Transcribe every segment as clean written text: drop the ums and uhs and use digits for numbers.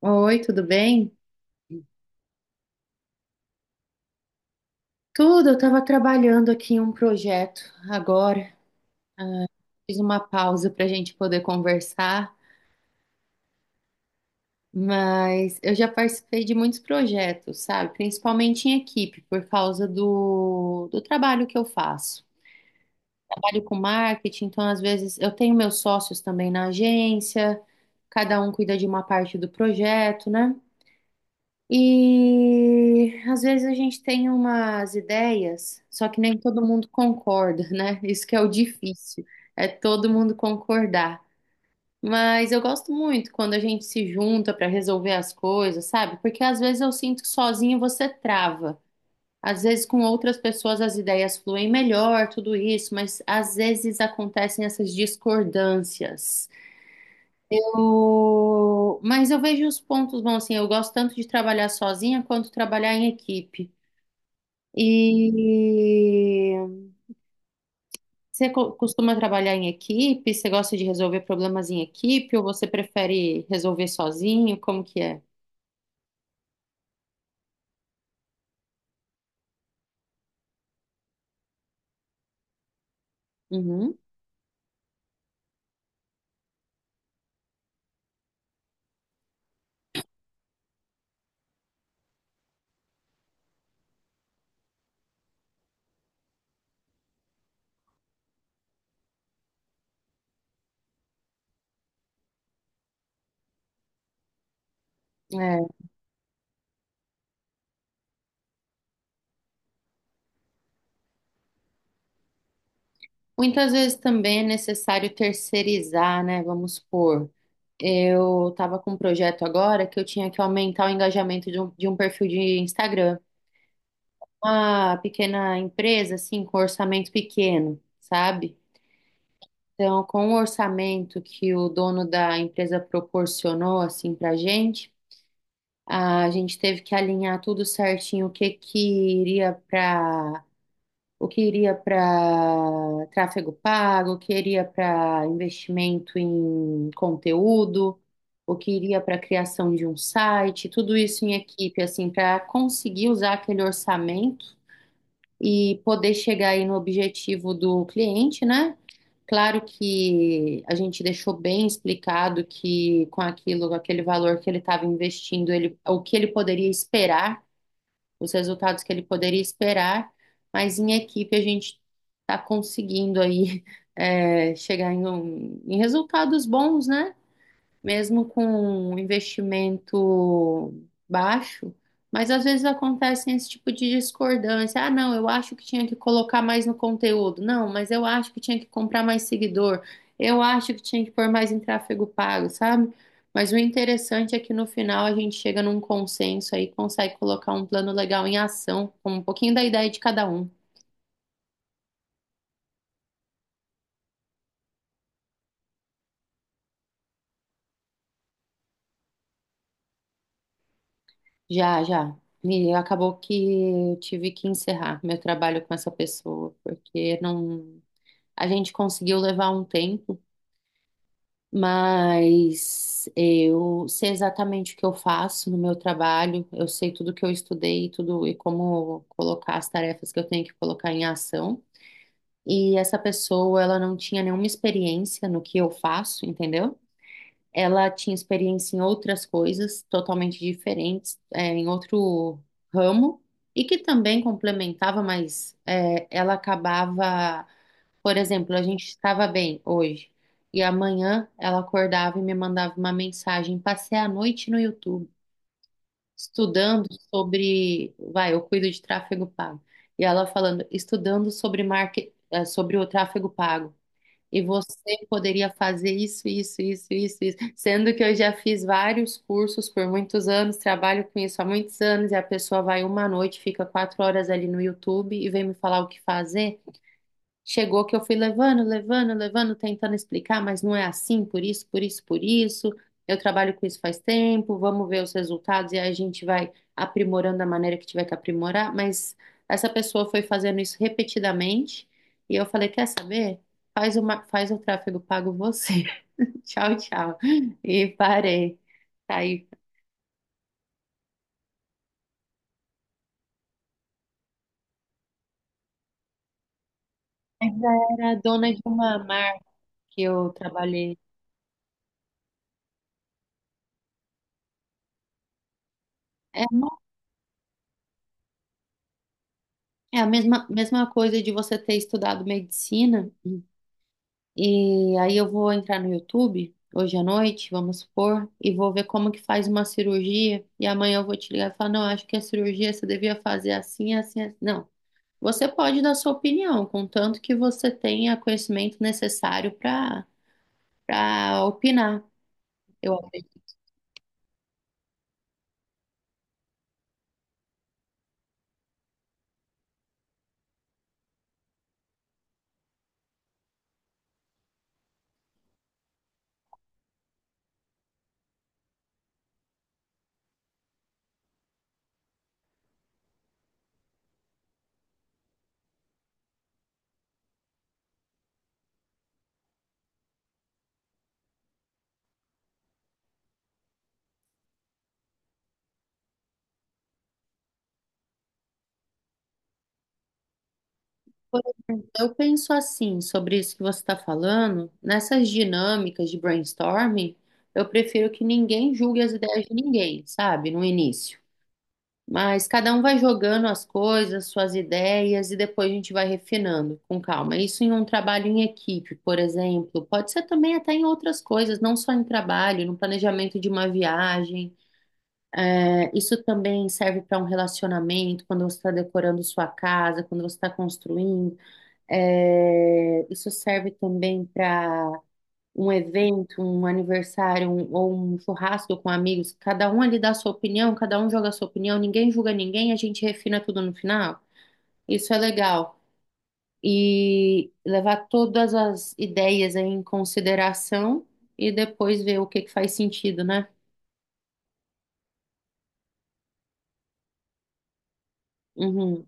Oi, tudo bem? Tudo, eu estava trabalhando aqui em um projeto agora. Fiz uma pausa para a gente poder conversar, mas eu já participei de muitos projetos, sabe? Principalmente em equipe, por causa do trabalho que eu faço. Trabalho com marketing, então às vezes eu tenho meus sócios também na agência, cada um cuida de uma parte do projeto, né? E às vezes a gente tem umas ideias, só que nem todo mundo concorda, né? Isso que é o difícil, é todo mundo concordar. Mas eu gosto muito quando a gente se junta para resolver as coisas, sabe? Porque às vezes eu sinto que sozinho você trava. Às vezes com outras pessoas as ideias fluem melhor, tudo isso, mas às vezes acontecem essas discordâncias. Mas eu vejo os pontos bons, assim, eu gosto tanto de trabalhar sozinha quanto trabalhar em equipe. E você costuma trabalhar em equipe? Você gosta de resolver problemas em equipe ou você prefere resolver sozinho? Como que é? Uhum. É. Muitas vezes também é necessário terceirizar, né? Vamos supor, eu estava com um projeto agora que eu tinha que aumentar o engajamento de um perfil de Instagram. Uma pequena empresa, assim, com orçamento pequeno, sabe? Então, com o orçamento que o dono da empresa proporcionou, assim, pra gente, a gente teve que alinhar tudo certinho, o que que iria para o que iria para tráfego pago, o que iria para investimento em conteúdo, o que iria para criação de um site, tudo isso em equipe, assim, para conseguir usar aquele orçamento e poder chegar aí no objetivo do cliente, né? Claro que a gente deixou bem explicado que com aquilo, com aquele valor que ele estava investindo, ele, o que ele poderia esperar, os resultados que ele poderia esperar, mas em equipe a gente está conseguindo aí é, chegar em, em resultados bons, né? Mesmo com um investimento baixo, mas às vezes acontece esse tipo de discordância. Ah, não, eu acho que tinha que colocar mais no conteúdo. Não, mas eu acho que tinha que comprar mais seguidor. Eu acho que tinha que pôr mais em tráfego pago, sabe? Mas o interessante é que no final a gente chega num consenso aí, consegue colocar um plano legal em ação, com um pouquinho da ideia de cada um. Já, já. E acabou que eu tive que encerrar meu trabalho com essa pessoa, porque não. A gente conseguiu levar um tempo, mas eu sei exatamente o que eu faço no meu trabalho, eu sei tudo que eu estudei, tudo e como colocar as tarefas que eu tenho que colocar em ação. E essa pessoa, ela não tinha nenhuma experiência no que eu faço, entendeu? Ela tinha experiência em outras coisas totalmente diferentes, é, em outro ramo, e que também complementava, mas é, ela acabava por exemplo, a gente estava bem hoje e amanhã ela acordava e me mandava uma mensagem. Passei a noite no YouTube estudando sobre, vai, eu cuido de tráfego pago. E ela falando, estudando sobre market, sobre o tráfego pago. E você poderia fazer isso, isso, isso, isso, isso. Sendo que eu já fiz vários cursos por muitos anos, trabalho com isso há muitos anos, e a pessoa vai uma noite, fica quatro horas ali no YouTube e vem me falar o que fazer. Chegou que eu fui levando, levando, levando, tentando explicar, mas não é assim, por isso, por isso, por isso. Eu trabalho com isso faz tempo, vamos ver os resultados e aí a gente vai aprimorando da maneira que tiver que aprimorar. Mas essa pessoa foi fazendo isso repetidamente e eu falei: Quer saber? Faz uma, faz o tráfego pago você. Tchau, tchau. E parei. Aí era dona de uma marca que eu trabalhei. É, é a mesma coisa de você ter estudado medicina. E aí eu vou entrar no YouTube hoje à noite, vamos supor, e vou ver como que faz uma cirurgia. E amanhã eu vou te ligar e falar, não, acho que a cirurgia você devia fazer assim, assim, assim. Não, você pode dar sua opinião, contanto que você tenha conhecimento necessário para para opinar. Eu acredito. Por exemplo, eu penso assim sobre isso que você está falando, nessas dinâmicas de brainstorming, eu prefiro que ninguém julgue as ideias de ninguém, sabe, no início. Mas cada um vai jogando as coisas, suas ideias e depois a gente vai refinando com calma. Isso em um trabalho em equipe, por exemplo, pode ser também até em outras coisas, não só em trabalho, no planejamento de uma viagem. É, isso também serve para um relacionamento, quando você está decorando sua casa, quando você está construindo. É, isso serve também para um evento, um aniversário, ou um churrasco com amigos, cada um ali dá a sua opinião, cada um joga a sua opinião, ninguém julga ninguém, a gente refina tudo no final. Isso é legal. E levar todas as ideias em consideração e depois ver o que que faz sentido, né? Uhum.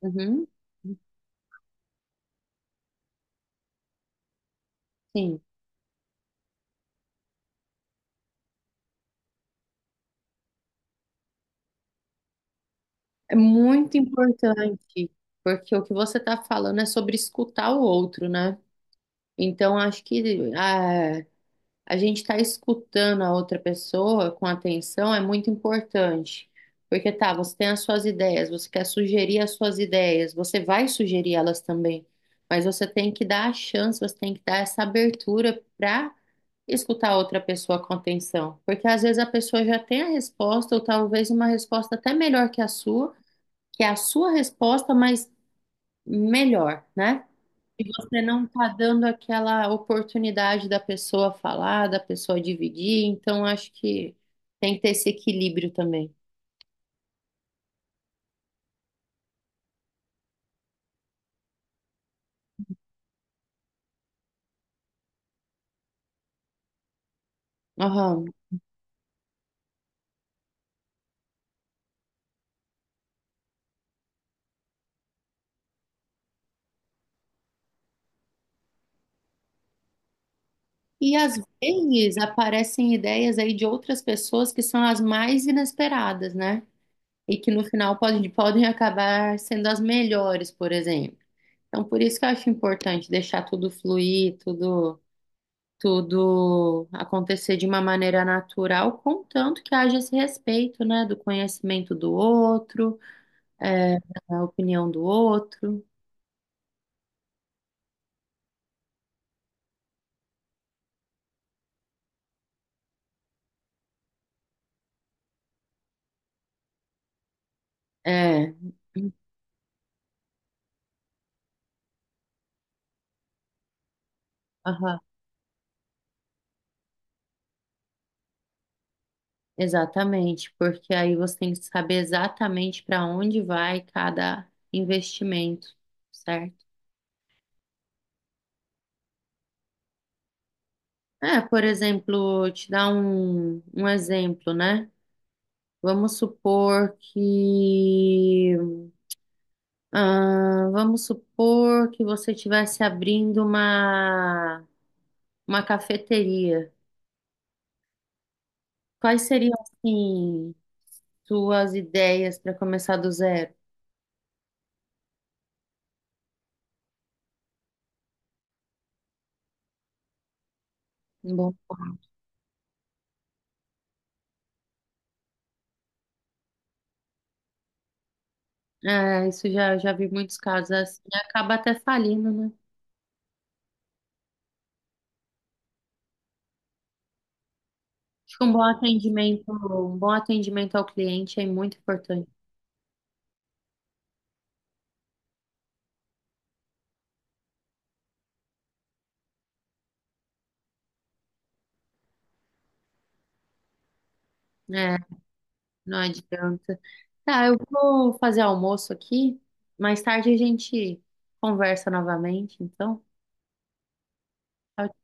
Uhum. Sim. É muito importante, porque o que você está falando é sobre escutar o outro, né? Então, acho que a gente estar escutando a outra pessoa com atenção é muito importante. Porque tá, você tem as suas ideias, você quer sugerir as suas ideias, você vai sugerir elas também, mas você tem que dar a chance, você tem que dar essa abertura para escutar a outra pessoa com atenção. Porque às vezes a pessoa já tem a resposta, ou talvez uma resposta até melhor que a sua, que é a sua resposta, mas melhor, né? E você não está dando aquela oportunidade da pessoa falar, da pessoa dividir, então acho que tem que ter esse equilíbrio também. Aham. E às vezes aparecem ideias aí de outras pessoas que são as mais inesperadas, né? E que no final podem, podem acabar sendo as melhores, por exemplo. Então, por isso que eu acho importante deixar tudo fluir, tudo. Tudo acontecer de uma maneira natural, contanto que haja esse respeito, né, do conhecimento do outro, é, da opinião do outro. É, aham, exatamente, porque aí você tem que saber exatamente para onde vai cada investimento, certo? É, por exemplo, te dar um exemplo, né? Vamos supor que Ah, vamos supor que você estivesse abrindo uma cafeteria. Quais seriam, assim, suas ideias para começar do zero? Bom, é, isso já vi muitos casos assim. Acaba até falindo, né? Acho que um bom atendimento ao cliente é muito importante. É, não adianta. Tá, eu vou fazer almoço aqui. Mais tarde a gente conversa novamente, então. Tchau,